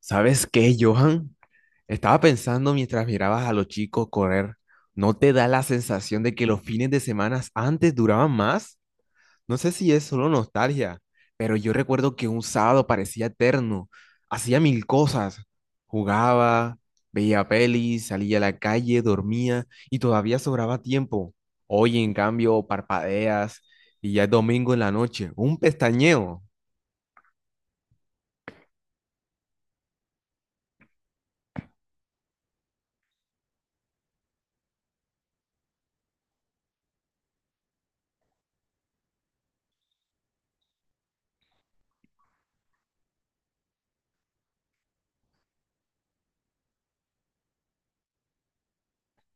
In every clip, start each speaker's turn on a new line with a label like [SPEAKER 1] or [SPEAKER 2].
[SPEAKER 1] ¿Sabes qué, Johan? Estaba pensando mientras mirabas a los chicos correr, ¿no te da la sensación de que los fines de semana antes duraban más? No sé si es solo nostalgia, pero yo recuerdo que un sábado parecía eterno, hacía mil cosas, jugaba, veía pelis, salía a la calle, dormía y todavía sobraba tiempo. Hoy, en cambio, parpadeas y ya es domingo en la noche, un pestañeo.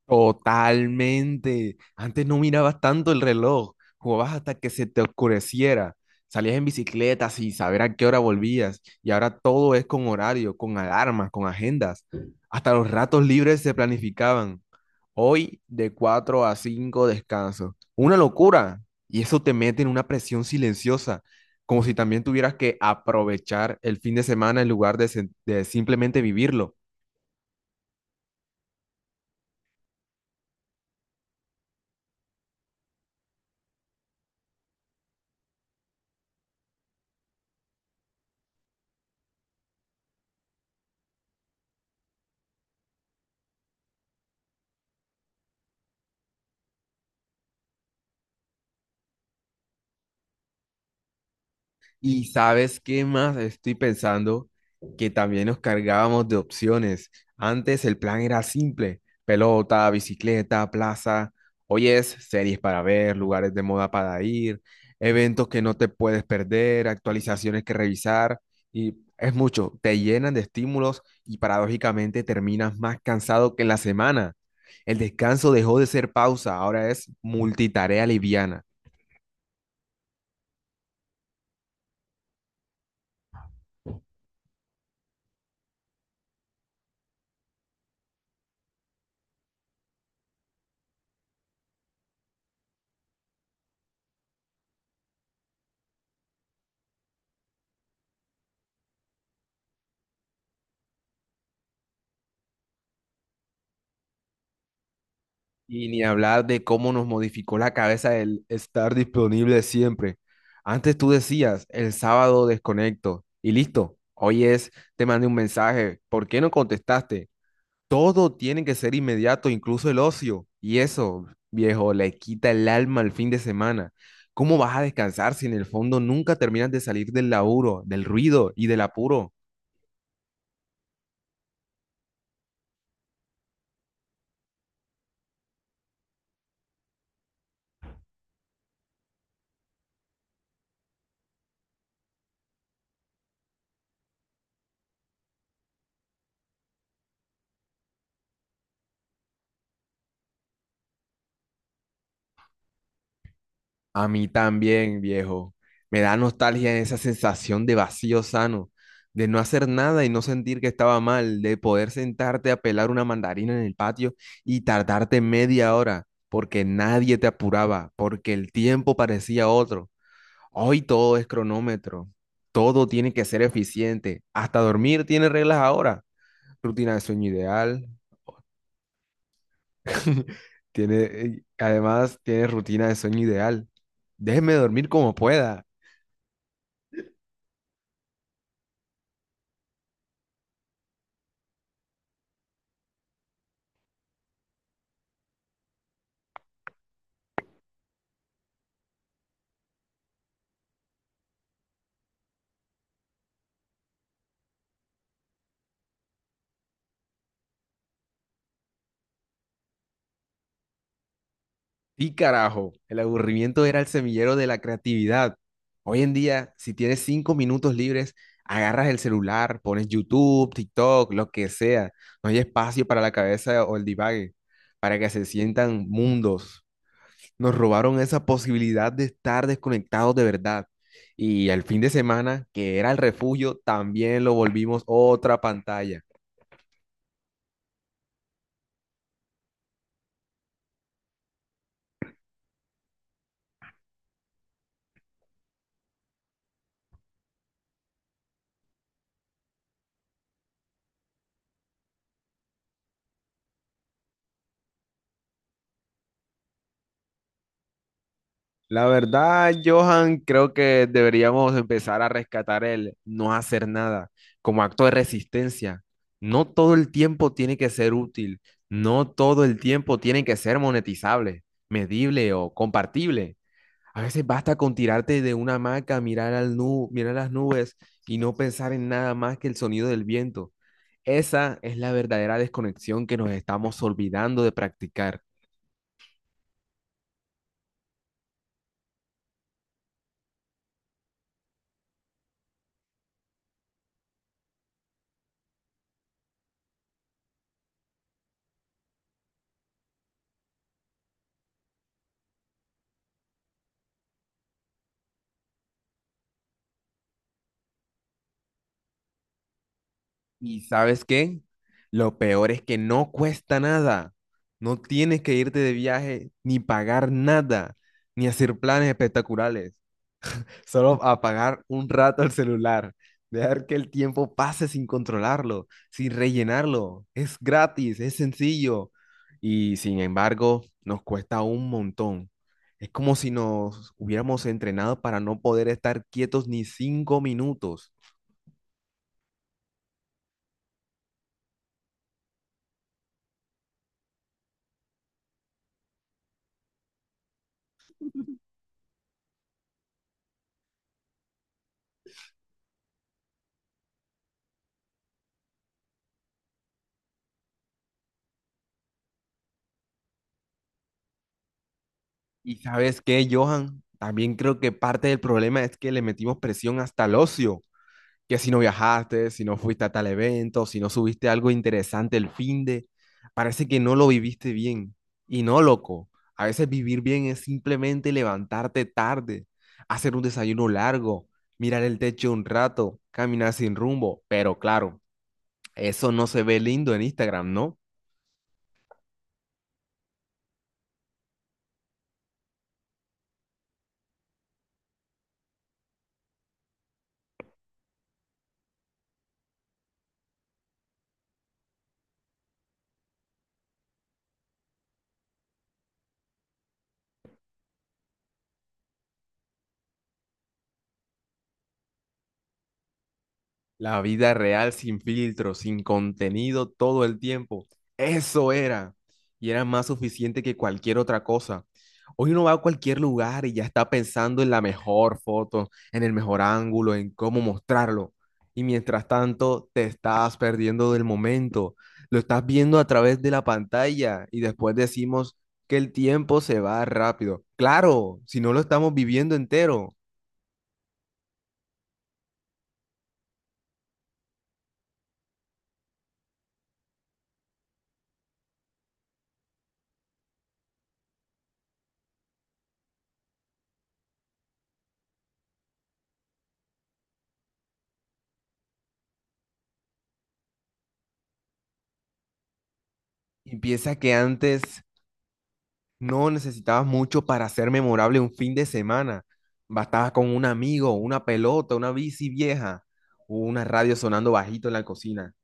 [SPEAKER 1] Totalmente. Antes no mirabas tanto el reloj, jugabas hasta que se te oscureciera. Salías en bicicleta sin saber a qué hora volvías y ahora todo es con horario, con alarmas, con agendas. Hasta los ratos libres se planificaban. Hoy de 4 a 5 descanso. Una locura. Y eso te mete en una presión silenciosa, como si también tuvieras que aprovechar el fin de semana en lugar de, de simplemente vivirlo. Y sabes qué más estoy pensando que también nos cargábamos de opciones. Antes el plan era simple: pelota, bicicleta, plaza. Hoy es series para ver, lugares de moda para ir, eventos que no te puedes perder, actualizaciones que revisar. Y es mucho, te llenan de estímulos y paradójicamente terminas más cansado que en la semana. El descanso dejó de ser pausa, ahora es multitarea liviana. Y ni hablar de cómo nos modificó la cabeza el estar disponible siempre. Antes tú decías, el sábado desconecto y listo. Hoy es, te mandé un mensaje, ¿por qué no contestaste? Todo tiene que ser inmediato, incluso el ocio. Y eso, viejo, le quita el alma al fin de semana. ¿Cómo vas a descansar si en el fondo nunca terminas de salir del laburo, del ruido y del apuro? A mí también, viejo. Me da nostalgia esa sensación de vacío sano, de no hacer nada y no sentir que estaba mal, de poder sentarte a pelar una mandarina en el patio y tardarte media hora, porque nadie te apuraba, porque el tiempo parecía otro. Hoy todo es cronómetro, todo tiene que ser eficiente, hasta dormir tiene reglas ahora. Rutina de sueño ideal, tiene, además tiene rutina de sueño ideal. Déjeme dormir como pueda. Sí, carajo, el aburrimiento era el semillero de la creatividad. Hoy en día, si tienes cinco minutos libres, agarras el celular, pones YouTube, TikTok, lo que sea. No hay espacio para la cabeza o el divague, para que se sientan mundos. Nos robaron esa posibilidad de estar desconectados de verdad. Y el fin de semana, que era el refugio, también lo volvimos otra pantalla. La verdad, Johan, creo que deberíamos empezar a rescatar el no hacer nada como acto de resistencia. No todo el tiempo tiene que ser útil, no todo el tiempo tiene que ser monetizable, medible o compartible. A veces basta con tirarte de una hamaca, mirar mirar las nubes y no pensar en nada más que el sonido del viento. Esa es la verdadera desconexión que nos estamos olvidando de practicar. ¿Y sabes qué? Lo peor es que no cuesta nada. No tienes que irte de viaje ni pagar nada, ni hacer planes espectaculares. Solo apagar un rato el celular, dejar que el tiempo pase sin controlarlo, sin rellenarlo. Es gratis, es sencillo. Y sin embargo, nos cuesta un montón. Es como si nos hubiéramos entrenado para no poder estar quietos ni cinco minutos. Y sabes qué, Johan, también creo que parte del problema es que le metimos presión hasta el ocio, que si no viajaste, si no fuiste a tal evento, si no subiste algo interesante el fin de, parece que no lo viviste bien. Y no, loco, a veces vivir bien es simplemente levantarte tarde, hacer un desayuno largo, mirar el techo un rato, caminar sin rumbo, pero claro, eso no se ve lindo en Instagram, ¿no? La vida real sin filtro, sin contenido todo el tiempo. Eso era. Y era más suficiente que cualquier otra cosa. Hoy uno va a cualquier lugar y ya está pensando en la mejor foto, en el mejor ángulo, en cómo mostrarlo. Y mientras tanto, te estás perdiendo del momento. Lo estás viendo a través de la pantalla y después decimos que el tiempo se va rápido. Claro, si no lo estamos viviendo entero. Y piensa que antes no necesitabas mucho para ser memorable un fin de semana. Bastabas con un amigo, una pelota, una bici vieja, o una radio sonando bajito en la cocina.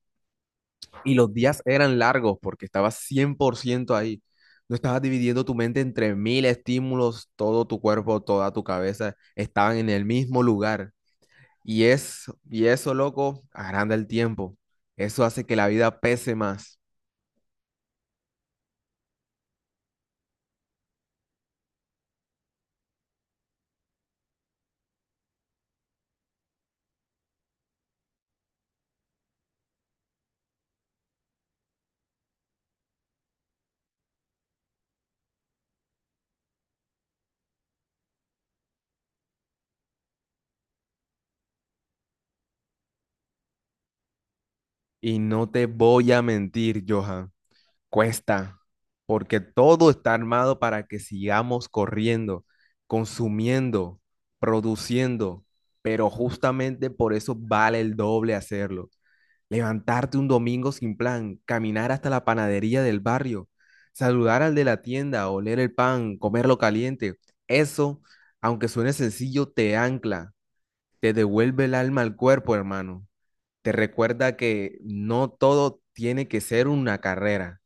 [SPEAKER 1] Y los días eran largos porque estabas 100% ahí. No estabas dividiendo tu mente entre mil estímulos, todo tu cuerpo, toda tu cabeza estaban en el mismo lugar. Y es, y eso, loco, agranda el tiempo. Eso hace que la vida pese más. Y no te voy a mentir, Johan. Cuesta, porque todo está armado para que sigamos corriendo, consumiendo, produciendo, pero justamente por eso vale el doble hacerlo. Levantarte un domingo sin plan, caminar hasta la panadería del barrio, saludar al de la tienda, oler el pan, comerlo caliente. Eso, aunque suene sencillo, te ancla, te devuelve el alma al cuerpo, hermano. Te recuerda que no todo tiene que ser una carrera